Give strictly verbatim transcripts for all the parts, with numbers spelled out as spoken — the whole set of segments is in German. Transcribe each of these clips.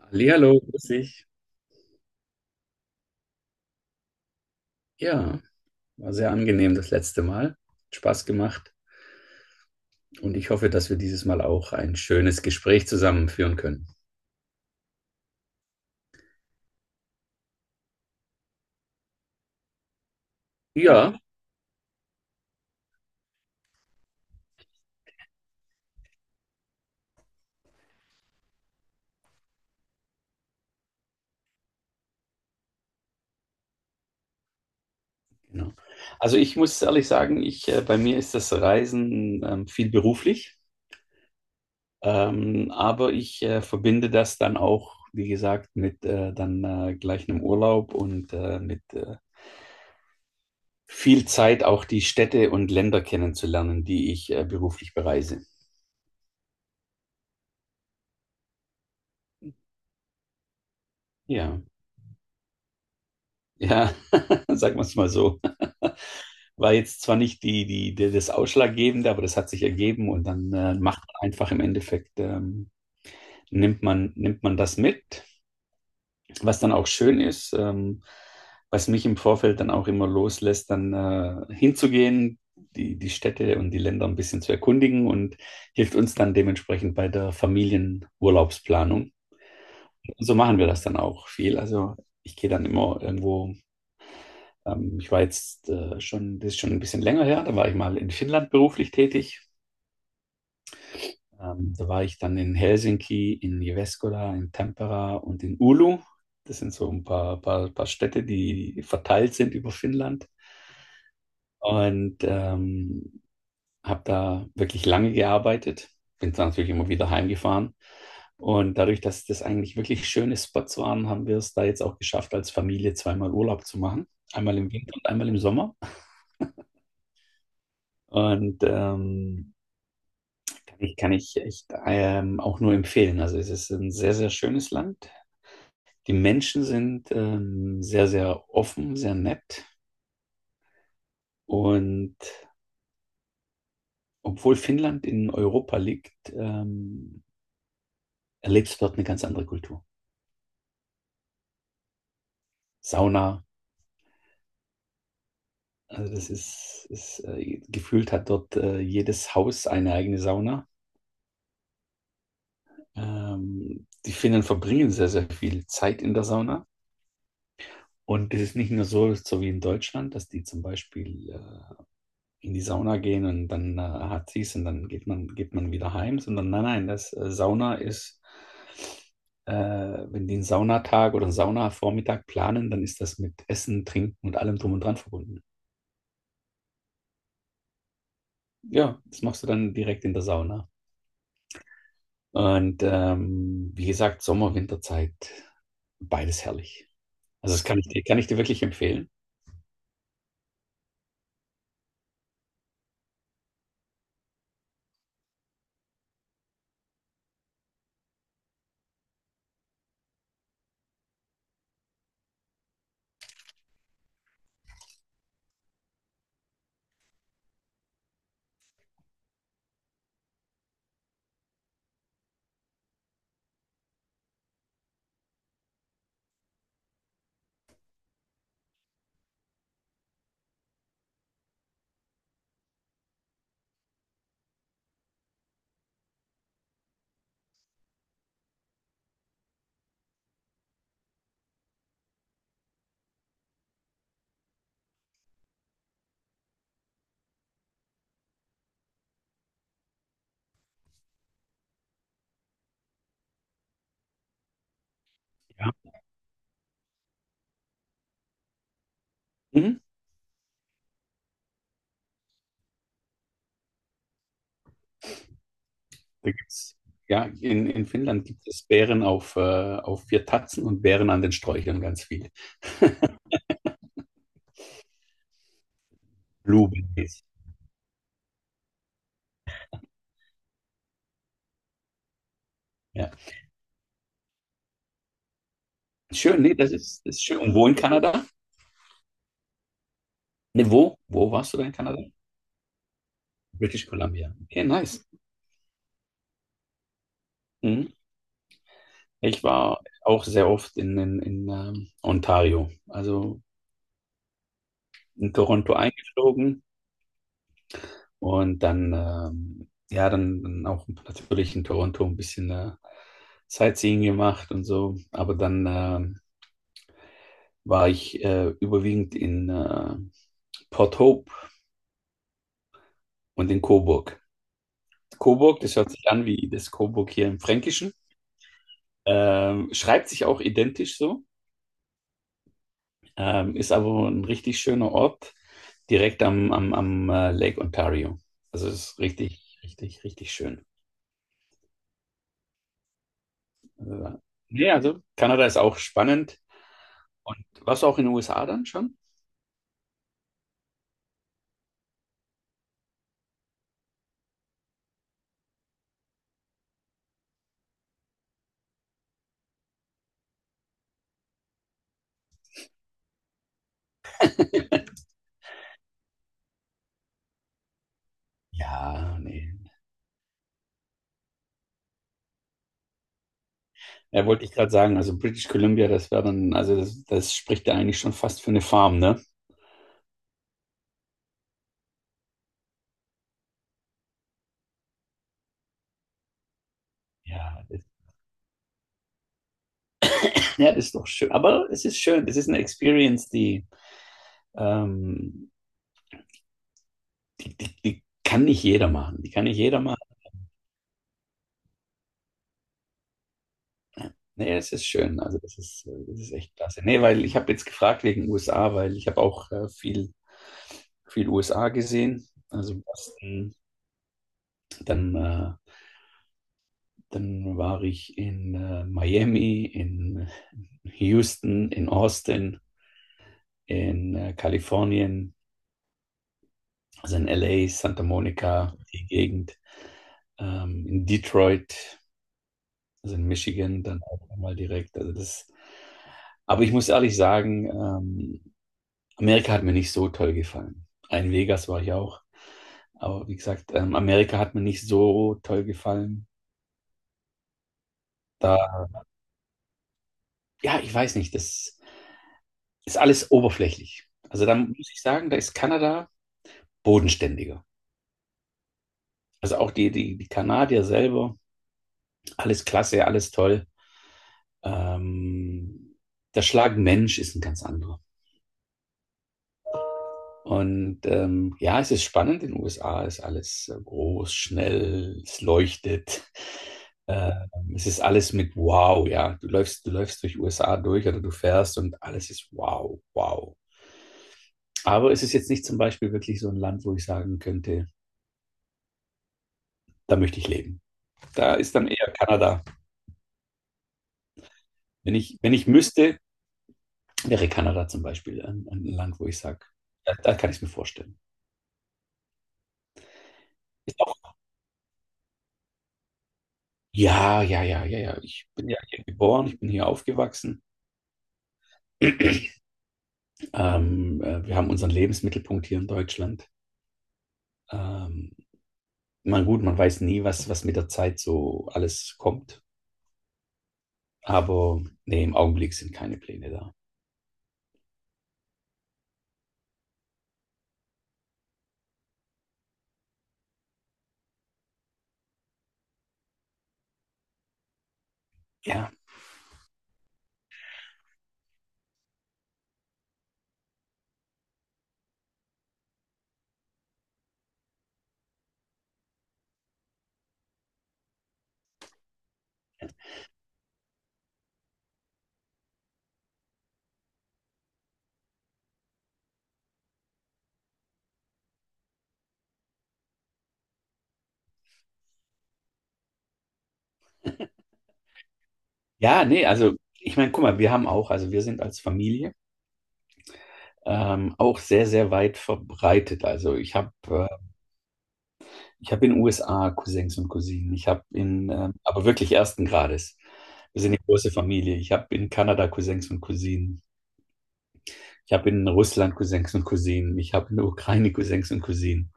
Hallihallo, grüß dich. Ja, war sehr angenehm das letzte Mal. Hat Spaß gemacht und ich hoffe, dass wir dieses Mal auch ein schönes Gespräch zusammen führen können. Ja, genau. Also ich muss ehrlich sagen, ich, äh, bei mir ist das Reisen ähm, viel beruflich, ähm, aber ich äh, verbinde das dann auch, wie gesagt, mit äh, dann äh, gleich einem Urlaub und äh, mit äh, viel Zeit auch die Städte und Länder kennenzulernen, die ich äh, beruflich bereise. Ja, ja, sagen wir es mal so. War jetzt zwar nicht die, die, die, das Ausschlaggebende, aber das hat sich ergeben und dann äh, macht man einfach im Endeffekt, ähm, nimmt, man, nimmt man das mit, was dann auch schön ist, ähm, was mich im Vorfeld dann auch immer loslässt, dann äh, hinzugehen, die, die Städte und die Länder ein bisschen zu erkundigen und hilft uns dann dementsprechend bei der Familienurlaubsplanung. Und so machen wir das dann auch viel. Also ich gehe dann immer irgendwo, ähm, ich war jetzt äh, schon, das ist schon ein bisschen länger her, da war ich mal in Finnland beruflich tätig. Ähm, da war ich dann in Helsinki, in Jyväskylä, in Tampere und in Oulu. Das sind so ein paar, paar, paar Städte, die verteilt sind über Finnland. Und ähm, habe da wirklich lange gearbeitet. Bin dann natürlich immer wieder heimgefahren. Und dadurch, dass das eigentlich wirklich schöne Spots waren, haben wir es da jetzt auch geschafft, als Familie zweimal Urlaub zu machen. Einmal im Winter und einmal im Sommer. Und ähm, kann ich, kann ich echt ähm, auch nur empfehlen. Also es ist ein sehr, sehr schönes Land. Die Menschen sind ähm, sehr, sehr offen, sehr nett. Und obwohl Finnland in Europa liegt, ähm, erlebst du dort eine ganz andere Kultur. Sauna, also das ist, ist äh, gefühlt hat dort äh, jedes Haus eine eigene Sauna. Ähm, die Finnen verbringen sehr, sehr viel Zeit in der Sauna. Und es ist nicht nur so, so wie in Deutschland, dass die zum Beispiel äh, in die Sauna gehen und dann äh, hat sie's und dann geht man, geht man wieder heim, sondern nein, nein, das äh, Sauna ist, äh, wenn die einen Saunatag oder einen Saunavormittag planen, dann ist das mit Essen, Trinken und allem drum und dran verbunden. Ja, das machst du dann direkt in der Sauna. Und ähm, wie gesagt, Sommer, Winterzeit, beides herrlich. Also das kann ich dir, kann ich dir wirklich empfehlen. Ja. Mhm. Da gibt's, ja, in, in Finnland gibt es Bären auf, äh, auf vier Tatzen und Bären an den Sträuchern ganz viel. Blueberries. Ja. Schön, nee, das ist, das ist schön. Und wo in Kanada? Nee, wo? Wo warst du da in Kanada? British Columbia. Okay, nice. Mhm. Ich war auch sehr oft in, in, in ähm, Ontario, also in Toronto eingeflogen und dann, ähm, ja, dann, dann auch natürlich in Toronto ein bisschen äh, Sightseeing gemacht und so. Aber dann ähm, war ich äh, überwiegend in äh, Port Hope und in Coburg. Coburg, das hört sich an wie das Coburg hier im Fränkischen. Ähm, schreibt sich auch identisch so, ähm, ist aber ein richtig schöner Ort, direkt am, am, am äh, Lake Ontario. Also es ist richtig, richtig, richtig schön. Also, nee, also Kanada ist auch spannend. Und warst du auch in den U S A dann schon? ja, nee. Ja, wollte ich gerade sagen, also British Columbia, das wäre dann, also das, das spricht ja eigentlich schon fast für eine Farm, ne? Ja, das, ja, das ist doch schön. Aber es ist schön, das ist eine Experience, die Ähm, die, die, die kann nicht jeder machen. Die kann nicht jeder machen. Nee, es ist schön. Also das ist, äh, das ist echt klasse. Nee, weil ich habe jetzt gefragt wegen U S A, weil ich habe auch äh, viel, viel U S A gesehen. Also Boston, dann, äh, dann war ich in äh, Miami, in Houston, in Austin, in äh, Kalifornien, also in L A, Santa Monica, die Gegend, ähm, in Detroit, also in Michigan, dann auch nochmal direkt. Also das Aber ich muss ehrlich sagen, ähm, Amerika hat mir nicht so toll gefallen. In Vegas war ich auch. Aber wie gesagt, ähm, Amerika hat mir nicht so toll gefallen. Da, ja, ich weiß nicht, das ist alles oberflächlich. Also da muss ich sagen, da ist Kanada bodenständiger. Also auch die, die, die Kanadier selber, alles klasse, alles toll. Ähm, Der Schlag Mensch ist ein ganz anderer. Und ähm, ja, es ist spannend. In den U S A ist alles äh, groß, schnell, es leuchtet. Äh, Es ist alles mit Wow, ja. Du läufst, du läufst durch U S A durch oder du fährst und alles ist Wow, wow. Aber es ist jetzt nicht zum Beispiel wirklich so ein Land, wo ich sagen könnte, da möchte ich leben. Da ist dann eher Kanada. Wenn ich, wenn ich müsste, wäre Kanada zum Beispiel ein, ein Land, wo ich sage, da, da kann ich es mir vorstellen. Ist auch, ja, ja, ja, ja, ja. Ich bin ja hier geboren, ich bin hier aufgewachsen. Ähm, äh, wir haben unseren Lebensmittelpunkt hier in Deutschland. Ähm, man, gut, man weiß nie, was, was mit der Zeit so alles kommt. Aber nee, im Augenblick sind keine Pläne da. Ja, ja, nee, also ich meine, guck mal, wir haben auch, also wir sind als Familie ähm, auch sehr, sehr weit verbreitet. Also ich habe äh, ich habe in den U S A Cousins und Cousinen. Ich habe in, ähm, aber wirklich ersten Grades. Wir sind eine große Familie. Ich habe in Kanada Cousins und Cousinen. Ich habe in Russland Cousins und Cousinen. Ich habe in der Ukraine Cousins und Cousinen.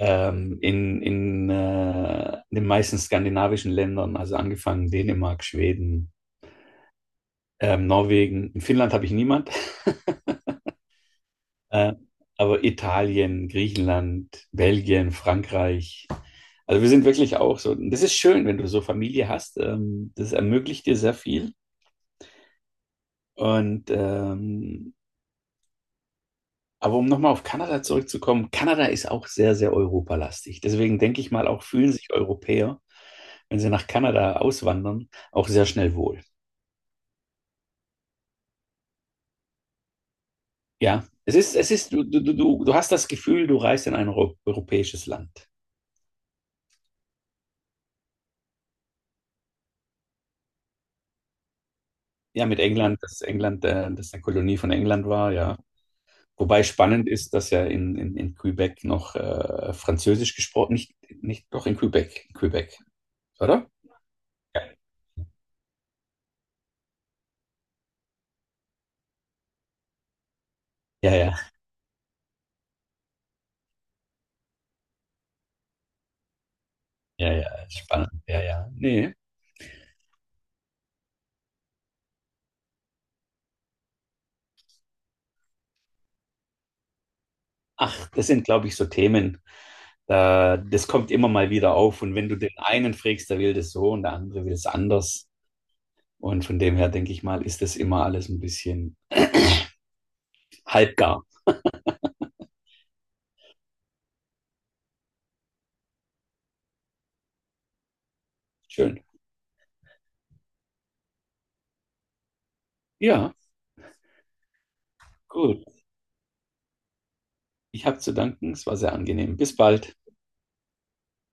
Ähm, in, in, äh, in den meisten skandinavischen Ländern, also angefangen Dänemark, Schweden, ähm, Norwegen. In Finnland habe ich niemand. äh, aber Italien, Griechenland, Belgien, Frankreich. Also wir sind wirklich auch so. Das ist schön, wenn du so Familie hast. Ähm, das ermöglicht dir sehr viel. Und ähm, Aber um nochmal auf Kanada zurückzukommen, Kanada ist auch sehr, sehr europalastig. Deswegen denke ich mal, auch fühlen sich Europäer, wenn sie nach Kanada auswandern, auch sehr schnell wohl. Ja, es ist, es ist, du, du, du, du hast das Gefühl, du reist in ein euro europäisches Land. Ja, mit England, dass England, äh, dass eine Kolonie von England war, ja. Wobei spannend ist, dass ja in, in, in Quebec noch äh, Französisch gesprochen, nicht, nicht, doch in Quebec, Quebec, oder? Ja, ja, ja, ja, ja, spannend, ja, ja. Nee, ach, das sind, glaube ich, so Themen. Da, das kommt immer mal wieder auf. Und wenn du den einen fragst, der will das so und der andere will es anders. Und von dem her denke ich mal, ist das immer alles ein bisschen halbgar. Schön. Ja, gut. Ich habe zu danken. Es war sehr angenehm. Bis bald.